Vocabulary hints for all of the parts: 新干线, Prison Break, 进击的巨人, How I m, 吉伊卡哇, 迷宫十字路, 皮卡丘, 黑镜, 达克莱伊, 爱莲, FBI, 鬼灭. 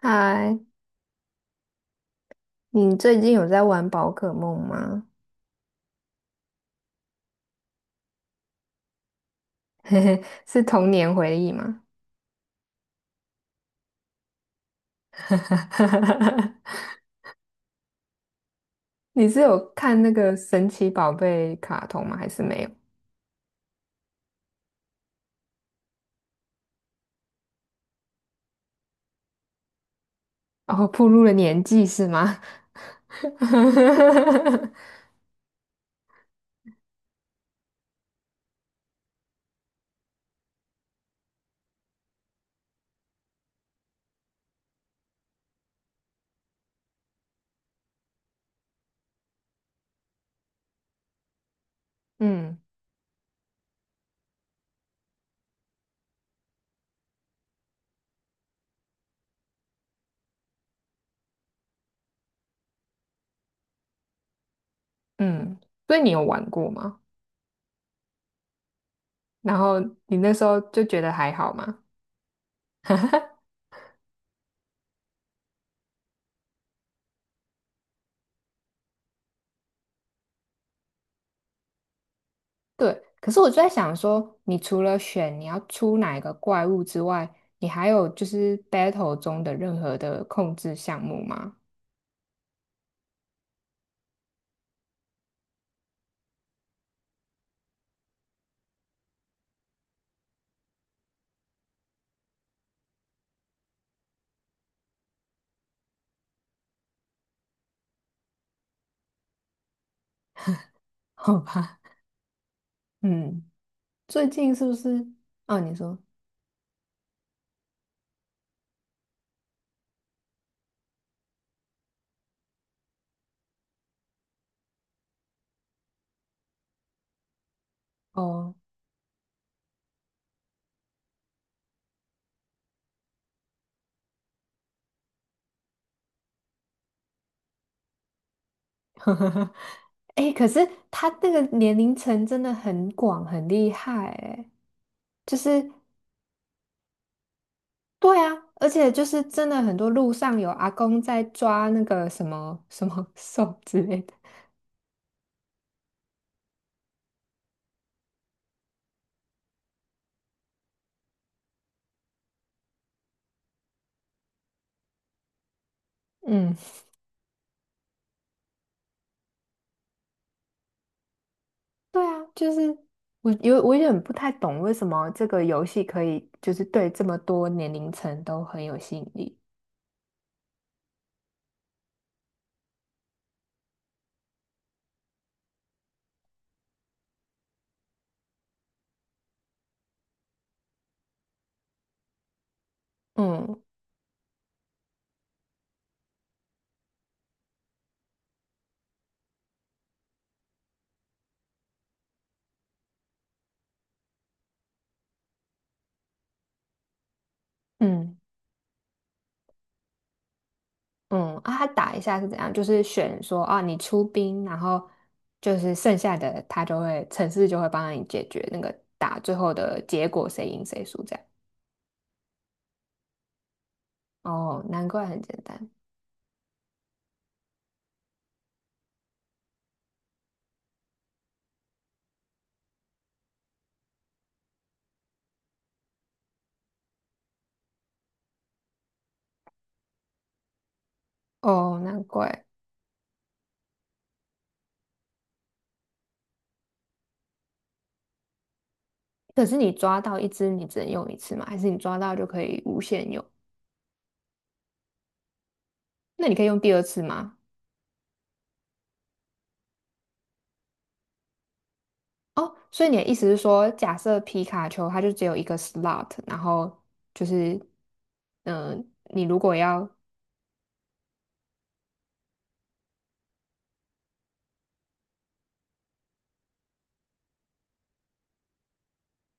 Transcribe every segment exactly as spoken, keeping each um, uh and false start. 嗨，你最近有在玩宝可梦吗？嘿嘿，是童年回忆吗？你是有看那个神奇宝贝卡通吗？还是没有？然后暴露了年纪是吗？嗯嗯，所以你有玩过吗？然后你那时候就觉得还好吗？对，可是我就在想说，你除了选你要出哪一个怪物之外，你还有就是 battle 中的任何的控制项目吗？好吧，嗯，最近是不是？哦，你说，哦，哎可是他那个年龄层真的很广，很厉害，哎，就是对啊，而且就是真的很多路上有阿公在抓那个什么什么兽之类的，嗯，对啊，就是我有我有点不太懂为什么这个游戏可以就是对这么多年龄层都很有吸引力，嗯嗯。嗯，啊，他打一下是怎样？就是选说啊，你出兵，然后就是剩下的他就会城市就会帮你解决那个打最后的结果，谁赢谁输这样。哦，难怪很简单。哦，难怪。可是你抓到一只，你只能用一次吗？还是你抓到就可以无限用？那你可以用第二次吗？哦，所以你的意思是说，假设皮卡丘它就只有一个 slot,然后就是，嗯、你如果要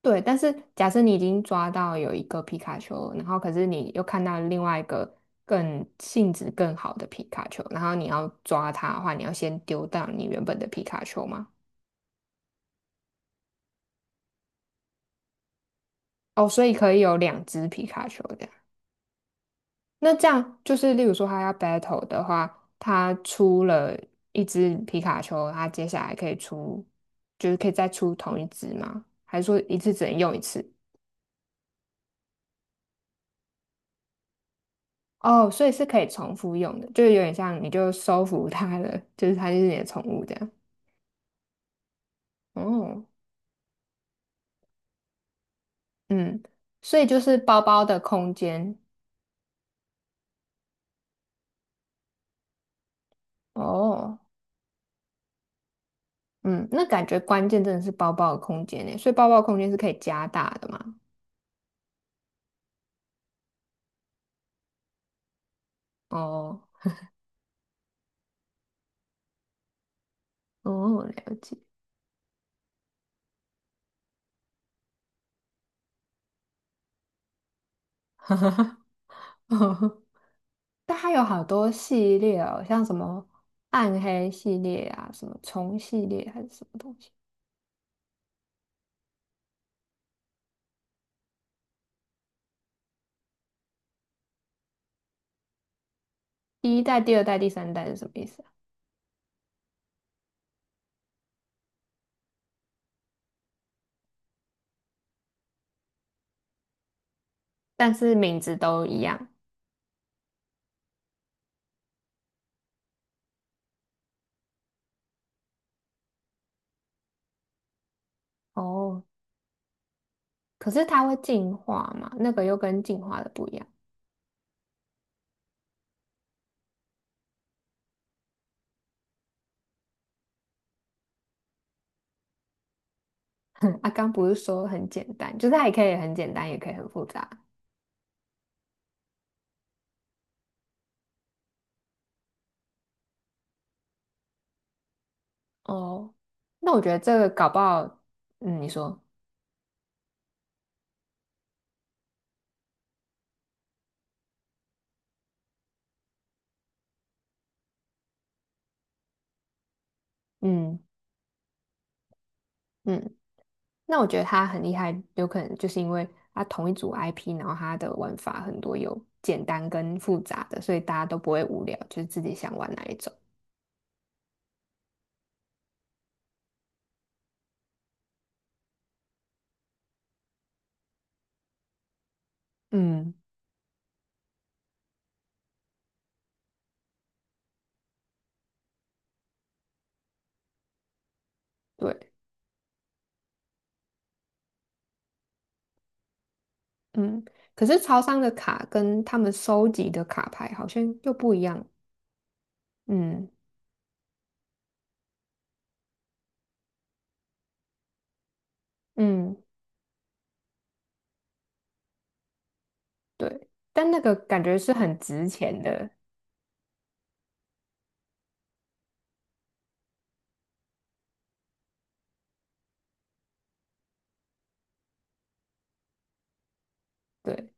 对，但是假设你已经抓到有一个皮卡丘了然后可是你又看到另外一个更性质更好的皮卡丘，然后你要抓它的话，你要先丢到你原本的皮卡丘吗？哦，所以可以有两只皮卡丘这样。那这样就是，例如说他要 battle 的话，他出了一只皮卡丘，他接下来可以出，就是可以再出同一只吗？还是说一次只能用一次？哦，所以是可以重复用的，就是有点像你就收服它了，就是它就是你的宠物这样。哦，嗯，所以就是包包的空间。哦，嗯，那感觉关键真的是包包的空间呢，所以包包的空间是可以加大的嘛？哦，哦，了解。但它有好多系列哦，像什么暗黑系列啊，什么虫系列还是什么东西，第一代、第二代、第三代是什么意思啊？但是名字都一样。哦，可是它会进化嘛？那个又跟进化的不一样。啊，刚不是说很简单，就是它也可以很简单，也可以很复杂。哦，那我觉得这个搞不好，嗯，你说，嗯嗯，那我觉得它很厉害，有可能就是因为它同一组 I P,然后它的玩法很多，有简单跟复杂的，所以大家都不会无聊，就是自己想玩哪一种。嗯，对，嗯。可是超商的卡跟他们收集的卡牌好像又不一样。嗯嗯。对，但那个感觉是很值钱的，对，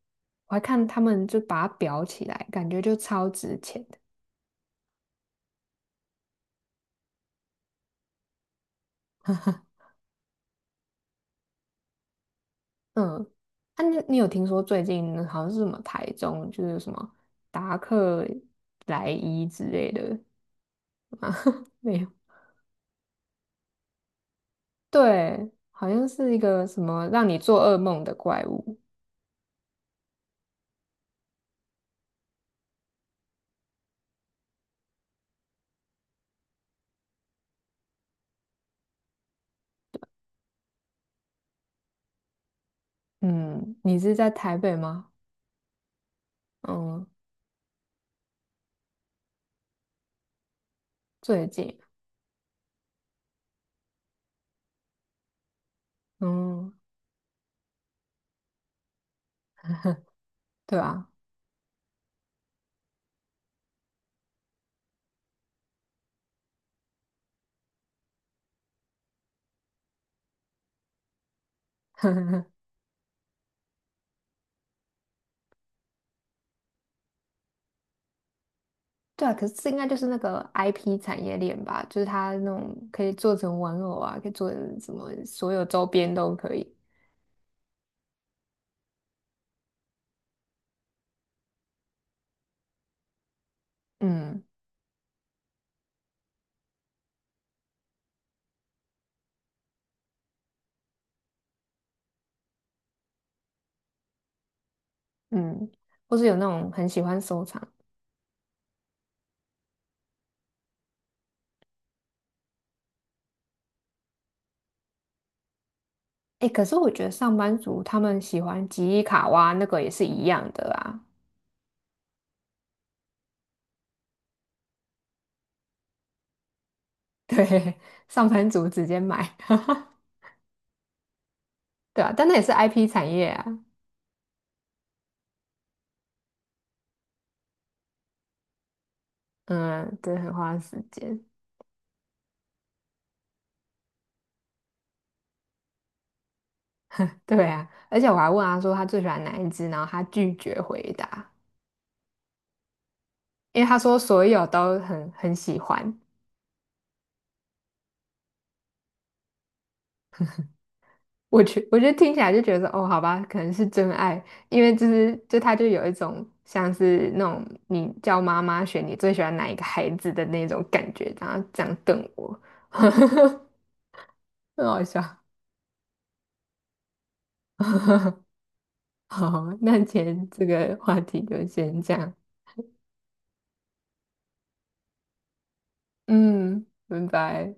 我还看他们就把它裱起来，感觉就超值钱的。嗯，啊，你你有听说最近好像是什么台中就是什么达克莱伊之类的没有？对，好像是一个什么让你做噩梦的怪物。嗯，你是在台北吗？嗯，最近，嗯，对啊，对啊，可是这应该就是那个 I P 产业链吧，就是它那种可以做成玩偶啊，可以做成什么，所有周边都可以。嗯嗯，或是有那种很喜欢收藏。哎，可是我觉得上班族他们喜欢吉伊卡哇那个也是一样的啊。对，上班族直接买，对啊，但那也是 I P 产业啊。嗯，对，很花时间。对啊，而且我还问他说他最喜欢哪一只，然后他拒绝回答，因为他说所有都很很喜欢。我觉我觉得听起来就觉得哦，好吧，可能是真爱，因为就是就他就有一种像是那种你叫妈妈选你最喜欢哪一个孩子的那种感觉，然后这样瞪我，很好笑。好，那今天这个话题就先这样，嗯，拜拜。